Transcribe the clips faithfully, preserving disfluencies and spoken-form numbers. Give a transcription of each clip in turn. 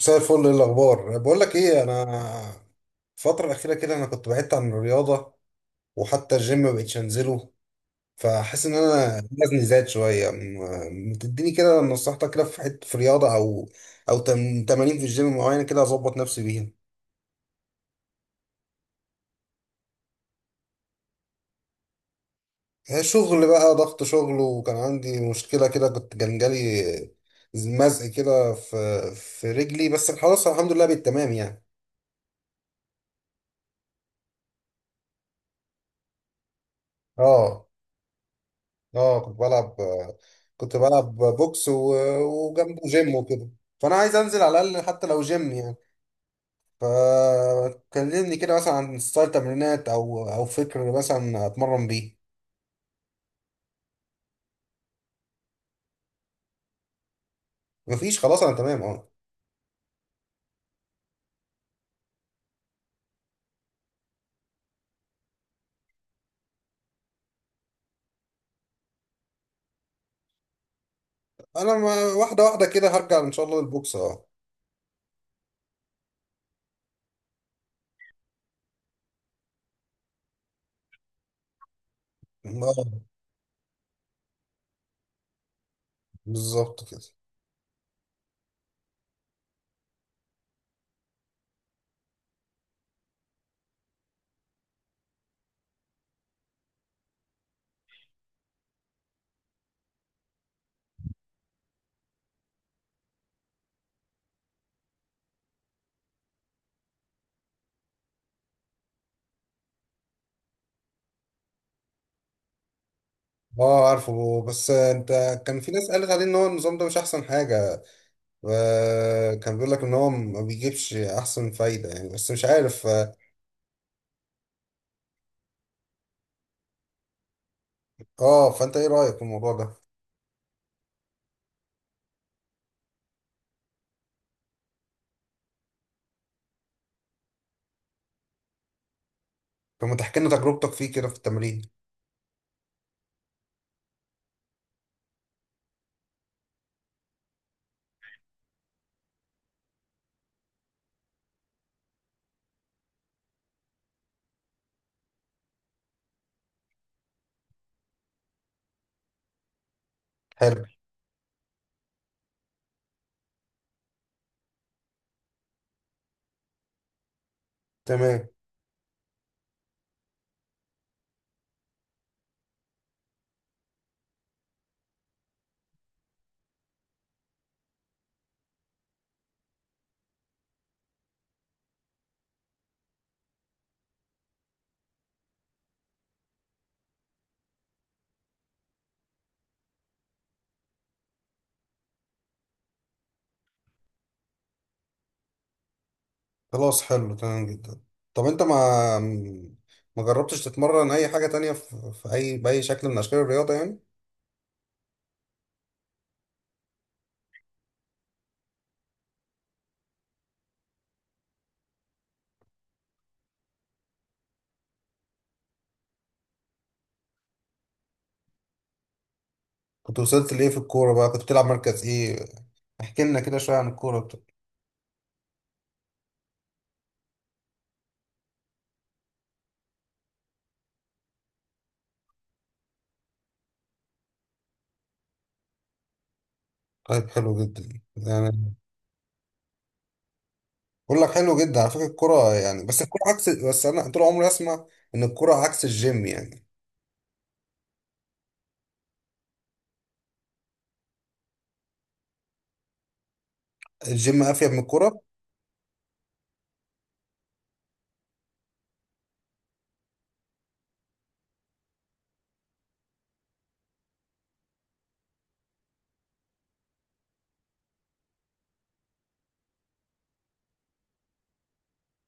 مساء الفل، ايه الاخبار؟ بقول لك ايه، انا الفتره الاخيره كده انا كنت بعدت عن الرياضه، وحتى الجيم ما بقتش انزله، فحاسس ان انا وزني زاد شويه. م- ما تديني كده نصيحتك كده في حته، في رياضه او او تم- تمارين في الجيم معينه كده اظبط نفسي بيها؟ هي شغل بقى، ضغط شغل، وكان عندي مشكله كده، كنت كان جالي مزق كده في في رجلي، بس خلاص الحمد لله بالتمام يعني. اه، اه، كنت بلعب كنت بلعب بوكس و- وجنبه جيم وكده، فانا عايز انزل على الاقل حتى لو جيم يعني. فكلمني كده مثلا عن ستايل تمرينات او او فكر مثلا اتمرن بيه. مفيش، خلاص، انا تمام، اه. انا، ما واحده واحده كده هرجع ان شاء الله للبوكس، اه، اه، بالظبط كده. اه، عارفه، بس انت كان في ناس قالت عليه ان هو النظام ده مش احسن حاجه. آه، كان بيقول لك ان هو ما بيجيبش احسن فايده يعني، بس مش عارف اه، فانت ايه رأيك في الموضوع ده؟ طب ما تحكي لنا تجربتك فيه كده في التمرين؟ حلو، تمام. خلاص، حلو، تمام جدا. طب انت ما ما جربتش تتمرن اي حاجة تانية في, في اي، بأي شكل من اشكال الرياضة يعني؟ كنت وصلت لايه في الكورة بقى؟ كنت بتلعب مركز ايه؟ احكي لنا كده شوية عن الكورة بتاعتك. طيب، حلو جدا يعني. بقول لك حلو جدا على فكرة الكورة يعني، بس الكورة عكس، بس انا طول عمري اسمع ان الكورة عكس الجيم يعني. الجيم افيد من الكورة.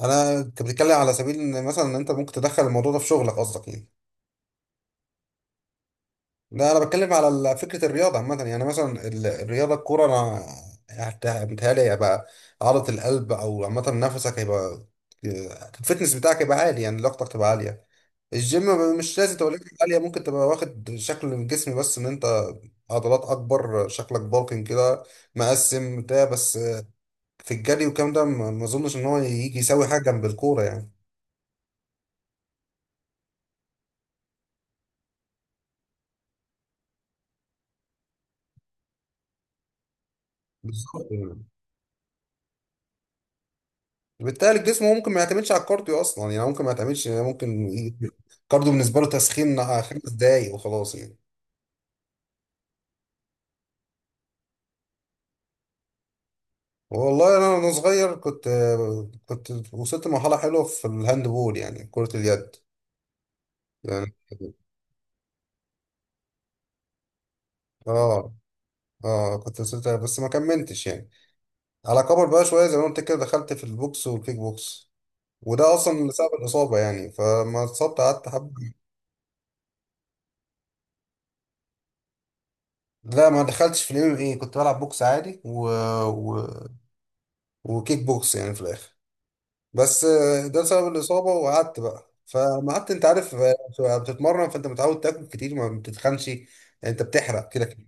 انا، انت بتتكلم على سبيل ان مثلا إن انت ممكن تدخل الموضوع ده في شغلك قصدك يعني؟ لا، انا بتكلم على ال- فكره الرياضه عامه يعني، مثلا ال- الرياضه، الكوره، انا هت- متهيألي هيبقى عضله القلب او عامه نفسك هيبقى، آه، الفتنس بتاعك هيبقى عالي يعني، لياقتك تبقى عاليه. الجيم مش لازم تبقى لياقتك عاليه، ممكن تبقى واخد شكل الجسم، بس ان انت عضلات اكبر، شكلك بالكن كده، مقسم بتاع بس. آه، في الجري والكلام ده ما ما اظنش ان هو يجي يساوي حاجه جنب الكوره يعني. بالظبط. بالتالي الجسم هو ممكن ما يعتمدش على الكارديو اصلا يعني، هو ممكن ما يعتمدش يعني، ممكن ي- الكارديو بالنسبه له تسخين ع- خمس دقايق وخلاص يعني. والله انا وانا صغير كنت، آه، كنت وصلت لمرحله حلوه في الهاند بول يعني، كره اليد يعني. اه، اه، كنت وصلت بس ما كملتش يعني. على كبر بقى شويه زي ما قلت كده دخلت في البوكس والكيك بوكس، وده اصلا اللي سبب الاصابه يعني، فما اتصبت قعدت حبه. لا، ما دخلتش في الام ام اي، كنت بلعب بوكس عادي و... و... وكيك بوكس يعني في الاخر. بس آه، ده بسبب الإصابة وقعدت بقى، فما قعدت أنت عارف آه، بتتمرن، فأنت متعود تاكل كتير، ما بتتخنش يعني. أنت بتحرق كده كده.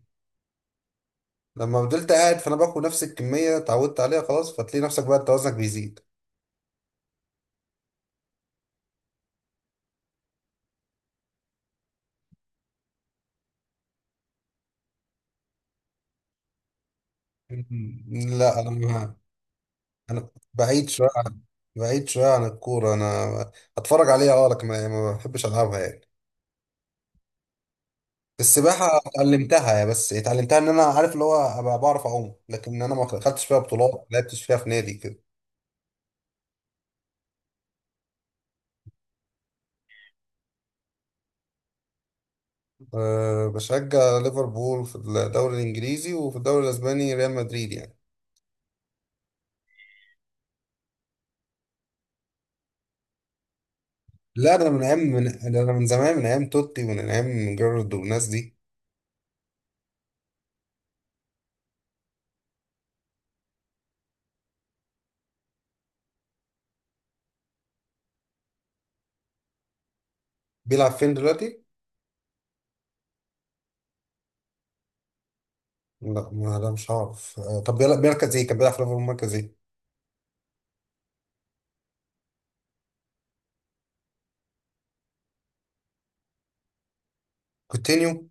لما فضلت قاعد فأنا باكل نفس الكمية اتعودت عليها، خلاص، فتلاقي نفسك بقى أنت وزنك بيزيد. لا، أنا ما أنا بعيد شوية عن بعيد شوية عن الكورة. أنا أتفرج عليها أه، لكن ما ما بحبش ألعبها يعني. السباحة اتعلمتها، بس اتعلمتها إن أنا عارف اللي هو أبقى بعرف أعوم، لكن أنا ما خدتش فيها بطولات، ما لعبتش فيها في نادي كده. أه، بشجع ليفربول في الدوري الإنجليزي، وفي الدوري الأسباني ريال مدريد يعني. لا، أنا من أيام من ده أنا من زمان، من أيام توتي، ومن أيام جيرارد والناس دي. بيلعب فين دلوقتي؟ لا ما لا مش عارف أه، طب بيلعب مركز إيه؟ كان بيلعب في ليفربول مركز إيه؟ كوتينيو؟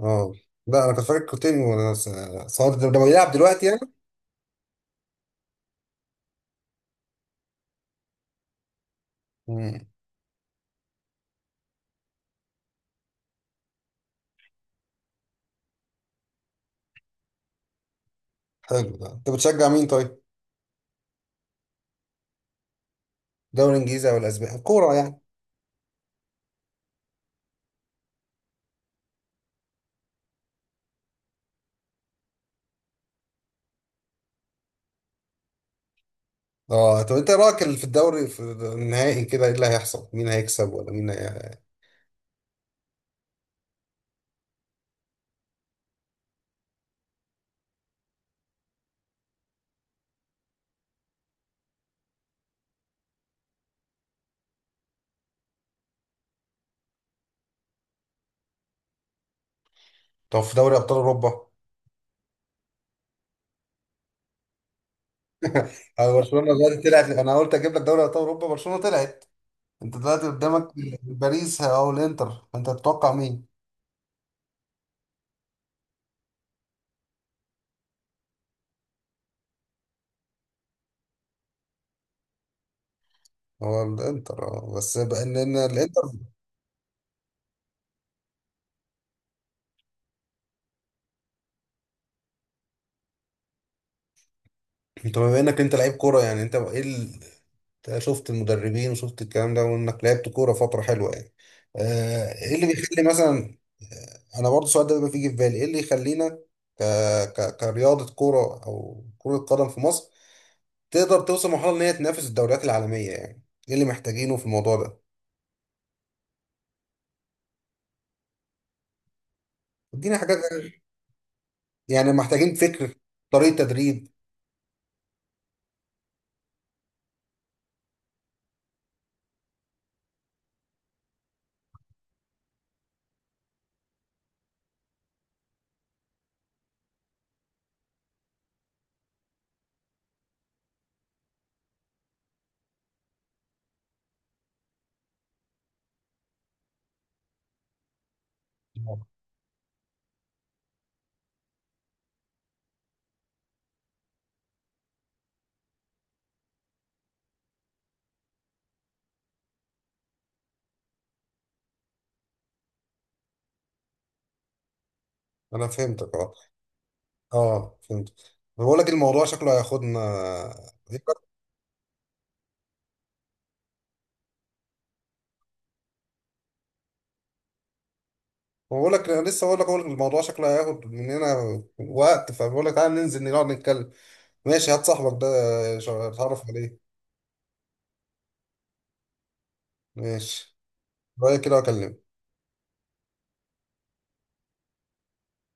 أه، لا أنا كنت فاكر كوتينيو، أنا س- صار ده ده بيلعب دلوقتي يعني؟ مم. حلو، ده أنت بتشجع مين طيب؟ الدوري الإنجليزي أو الأسباني؟ كورة يعني. أه، طب أنت إيه رأيك في الدوري، في النهائي كده، إيه اللي هيحصل؟ مين هيكسب ولا مين هي...؟ طب في دوري ابطال اوروبا، أه، برشلونه دلوقتي طلعت. انا قلت اجيب لك دوري ابطال اوروبا، برشلونه طلعت، انت دلوقتي قدامك باريس او الانتر، انت تتوقع مين؟ هو الانتر، آه، بس بقى ان إن الانتر... انت بما انك انت لعيب كوره يعني، انت ايه ال... أنت شفت المدربين وشفت الكلام ده وانك لعبت كوره فتره حلوه يعني. آه، ايه اللي بيخلي مثلا آه، انا برضه السؤال ده بيبقى بيجي في بالي، ايه اللي يخلينا ك... ك... كرياضه كوره او كره قدم في مصر تقدر توصل مرحلة إن هي تنافس الدوريات العالمية يعني؟ إيه اللي محتاجينه في الموضوع ده؟ اديني حاجات، يعني محتاجين فكر، طريقة تدريب. أنا فهمتك أه. أه، فهمت. بقول لك الموضوع شكله هياخدنا. بقول لك أنا لسه بقول لك أقول لك الموضوع شكله هياخد مننا وقت، فبقول لك تعالى ننزل نقعد نتكلم. ماشي، هات صاحبك ده، ش- اتعرف عليه. ماشي، رأيك كده وأكلمك.